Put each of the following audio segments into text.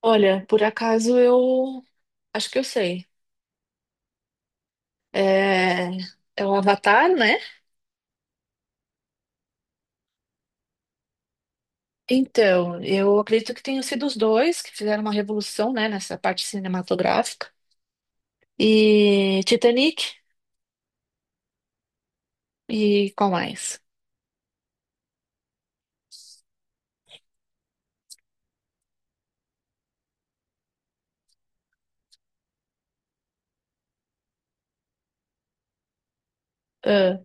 Olha, por acaso eu acho que eu sei. É, é o Avatar, né? Então, eu acredito que tenham sido os dois que fizeram uma revolução, né, nessa parte cinematográfica. E Titanic e qual mais? Ah,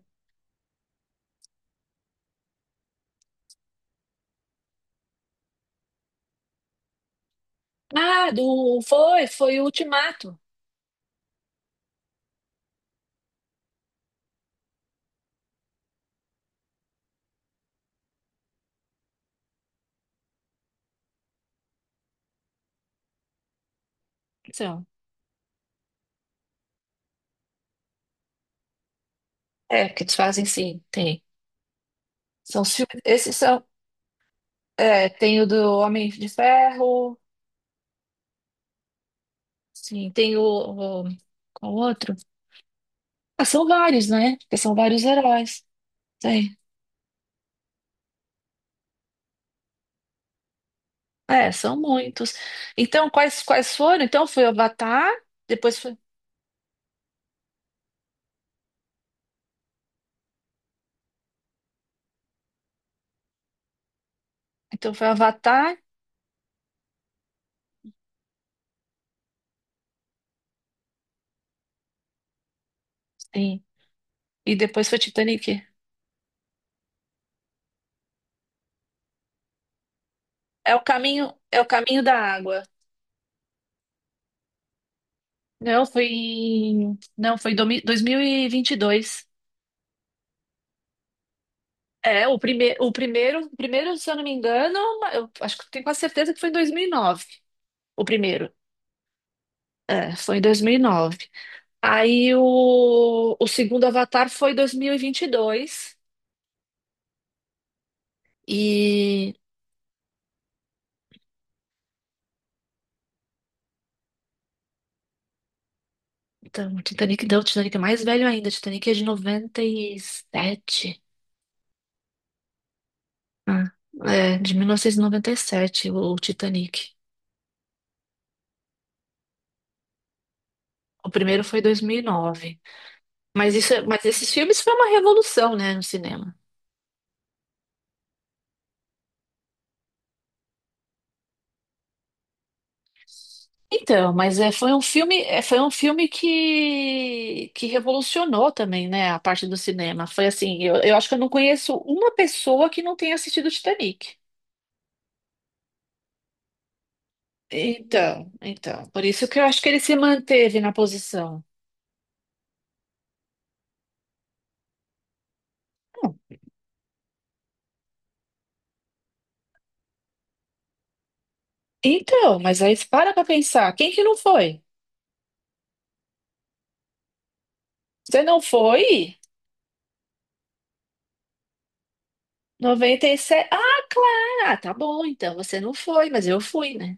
ah, foi o Ultimato. São. É, que eles fazem sim, tem. Esses são, tem o do Homem de Ferro, sim, tem o qual outro? Ah, são vários, né? Porque são vários heróis. É, são muitos. Então, quais foram? Então, foi Avatar, depois foi. Então, foi Avatar, sim. E depois foi Titanic. É o caminho da água. Não, foi em 2022. O primeiro, se eu não me engano, eu acho que tenho quase certeza que foi em 2009. O primeiro. É, foi em 2009. Aí o segundo Avatar foi em 2022. E o Titanic é mais velho ainda. O Titanic é de 97. Ah, é, de mil novecentos e noventa e sete, o Titanic. O primeiro foi 2009. Mas esses filmes foi uma revolução, né, no cinema. Então, mas foi um filme que revolucionou também, né, a parte do cinema. Foi assim, eu acho que eu não conheço uma pessoa que não tenha assistido Titanic. Então, por isso que eu acho que ele se manteve na posição. Então, mas aí para pra pensar, quem que não foi? Você não foi? 97. Ah, claro. Ah, tá bom, então você não foi, mas eu fui, né?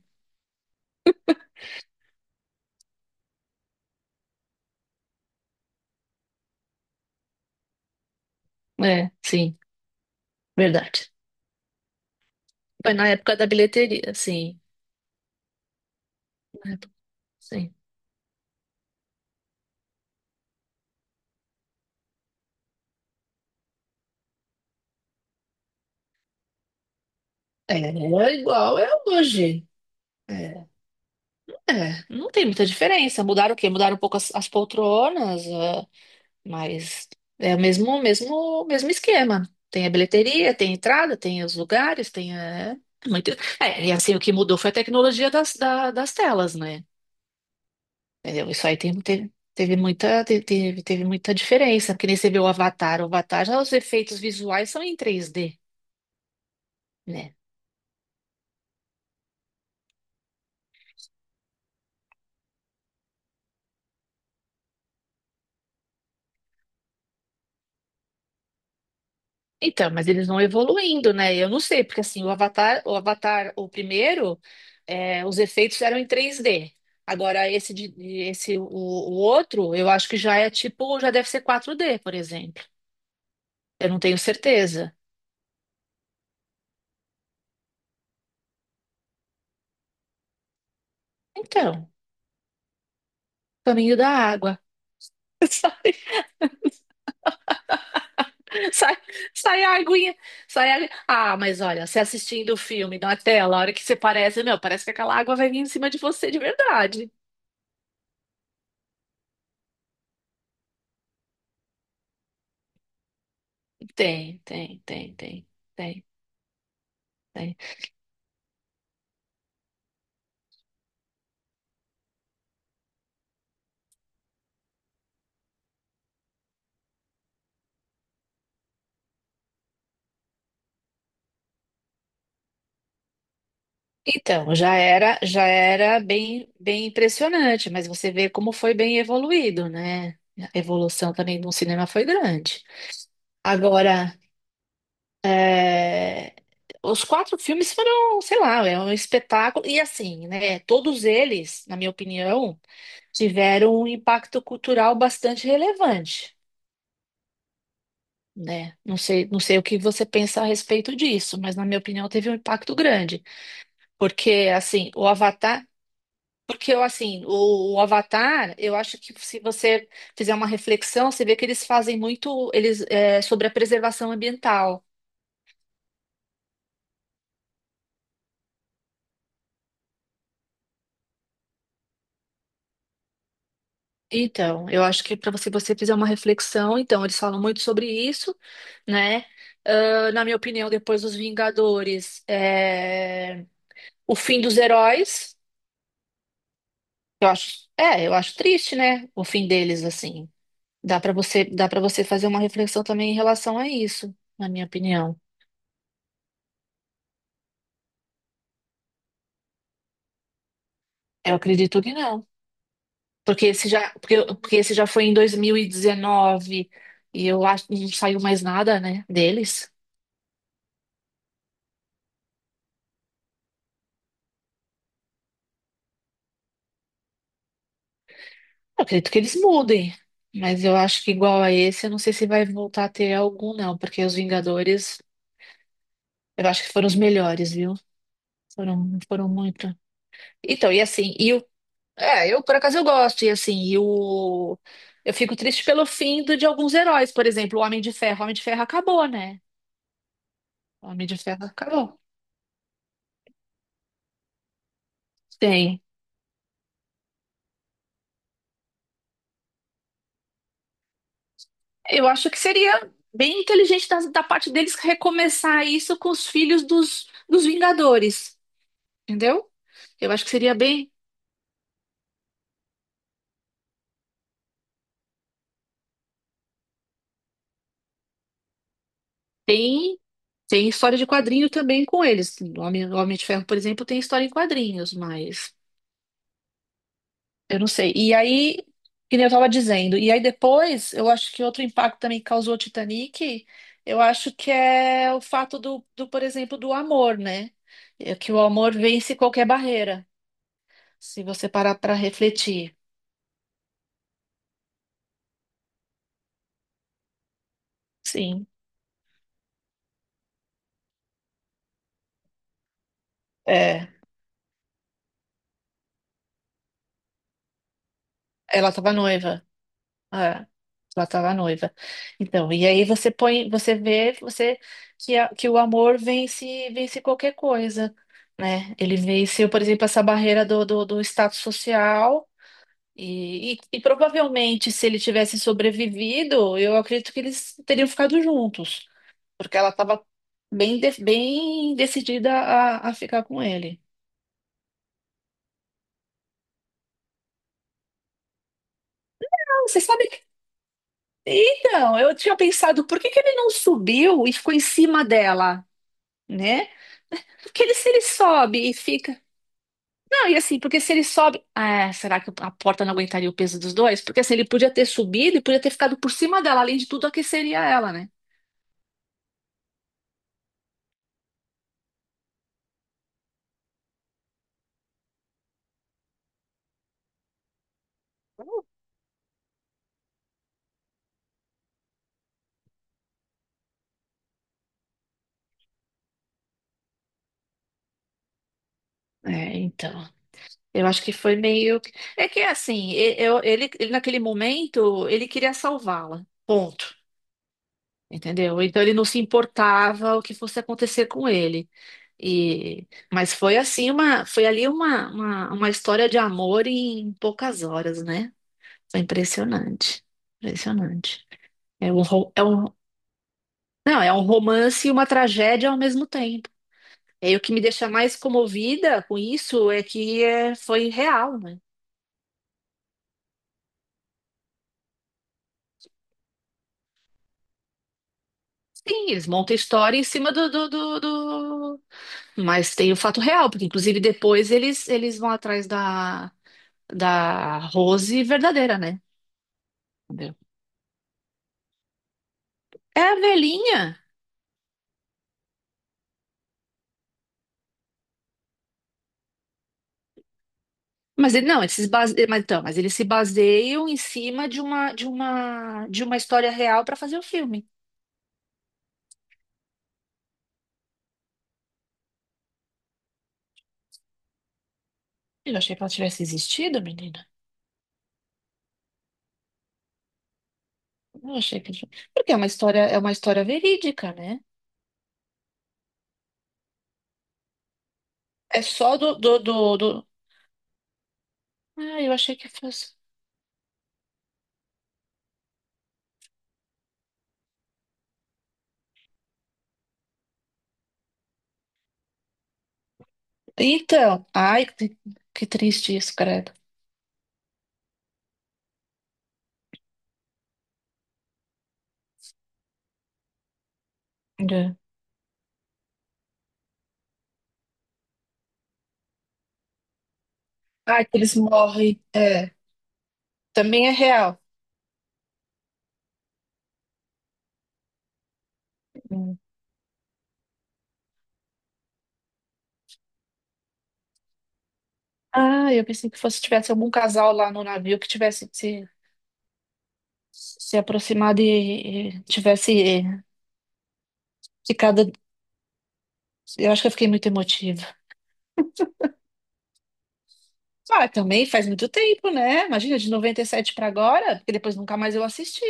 É, sim, verdade. Foi na época da bilheteria, sim. Na época. Sim. É igual é hoje. É, é, não tem muita diferença. Mudaram o quê? Mudaram um pouco as poltronas. Mas é o mesmo, mesmo, mesmo esquema. Tem a bilheteria, tem a entrada, tem os lugares, tem a... muito. É, e assim, o que mudou foi a tecnologia das telas, né? Entendeu? Isso aí tem, teve, teve muita, te- teve, teve muita diferença, porque nem você vê o Avatar. O Avatar, já os efeitos visuais são em 3D, né? Então, mas eles vão evoluindo, né? Eu não sei, porque assim, o Avatar, o primeiro, os efeitos eram em 3D. Agora, esse o outro, eu acho que já é tipo, já deve ser 4D, por exemplo. Eu não tenho certeza. Então, caminho da água. Sai, sai, sai a aguinha, sai a... Ah, mas olha, você assistindo o filme na tela, a hora que você meu, parece que aquela água vai vir em cima de você de verdade. Tem, tem, tem, tem, tem, tem. Então, já era bem, bem impressionante, mas você vê como foi bem evoluído, né? A evolução também do cinema foi grande. Agora, é, os quatro filmes foram, sei lá, é um espetáculo. E assim, né? Todos eles, na minha opinião, tiveram um impacto cultural bastante relevante, né? Não sei, não sei o que você pensa a respeito disso, mas na minha opinião teve um impacto grande. Porque, assim, o Avatar. Porque eu, assim, o Avatar, eu acho que se você fizer uma reflexão, você vê que eles fazem muito eles, sobre a preservação ambiental. Então, eu acho que para você, você fizer uma reflexão, então, eles falam muito sobre isso, né? Ah, na minha opinião, depois dos Vingadores, o fim dos heróis, eu acho triste, né? O fim deles, assim. Dá para você fazer uma reflexão também em relação a isso, na minha opinião. Eu acredito que não. Porque esse já foi em 2019 e dezenove e eu acho que não saiu mais nada, né, deles. Eu acredito que eles mudem, mas eu acho que igual a esse, eu não sei se vai voltar a ter algum, não, porque os Vingadores, eu acho que foram os melhores, viu? Foram muito. Então, e assim, eu por acaso eu gosto, e assim, eu fico triste pelo fim de alguns heróis, por exemplo, o Homem de Ferro. O Homem de Ferro acabou, né? O Homem de Ferro acabou. Tem. Eu acho que seria bem inteligente da parte deles recomeçar isso com os filhos dos Vingadores, entendeu? Eu acho que seria bem. Tem, tem história de quadrinho também com eles. O Homem de Ferro, por exemplo, tem história em quadrinhos, mas eu não sei. E aí, que nem eu estava dizendo, e aí depois, eu acho que outro impacto também que causou o Titanic, eu acho que é o fato do, por exemplo, do amor, né? É que o amor vence qualquer barreira, se você parar para refletir. Sim. É, ela tava noiva. É, ela tava noiva. Então, e aí você põe, você vê, você que, que o amor vence, vence qualquer coisa, né? Ele venceu, por exemplo, essa barreira do, do status social. E, provavelmente, se ele tivesse sobrevivido, eu acredito que eles teriam ficado juntos, porque ela estava bem decidida a ficar com ele. Ah, você sabe. Então, eu tinha pensado, por que que ele não subiu e ficou em cima dela, né? Porque ele, se ele sobe e fica. Não, e assim, porque se ele sobe. Ah, será que a porta não aguentaria o peso dos dois? Porque assim, ele podia ter subido e podia ter ficado por cima dela. Além de tudo, aqueceria ela, né? É, então. Eu acho que foi meio. É que assim, ele, ele naquele momento, ele queria salvá-la. Ponto. Entendeu? Então ele não se importava o que fosse acontecer com ele. E mas foi assim uma, foi ali uma, uma história de amor em poucas horas, né? Foi impressionante. Impressionante. É um, ro- é um, não, é um romance e uma tragédia ao mesmo tempo. E aí, o que me deixa mais comovida com isso é que foi real, né? Sim, eles montam a história em cima do. Mas tem o fato real, porque inclusive depois eles, eles vão atrás da Rose verdadeira, né? Entendeu? É a velhinha. Mas ele, não, eles se base... mas, então, mas eles se baseiam em cima de uma história real para fazer o filme. Eu achei que ela tivesse existido, menina. Eu achei que... Porque é uma história verídica, né? É só do... do... Ah, eu achei que fosse. Então, ai, que triste isso, credo. É. Ai, que eles morrem. É, também é real. Hum. Ah, eu pensei que fosse tivesse algum casal lá no navio que tivesse se, se aproximado e tivesse é, ficado. Eu acho que eu fiquei muito emotiva. Ah, também faz muito tempo, né? Imagina, de 97 para agora, porque depois nunca mais eu assisti.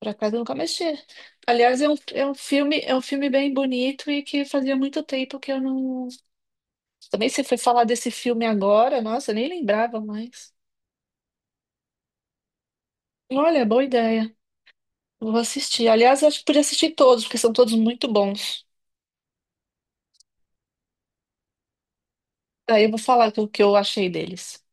Por acaso eu nunca mais assisti. Aliás, é um, é um filme bem bonito e que fazia muito tempo que eu não. Também você foi falar desse filme agora, nossa, eu nem lembrava mais. Olha, boa ideia. Vou assistir. Aliás, eu acho que podia assistir todos, porque são todos muito bons. Aí eu vou falar o que eu achei deles.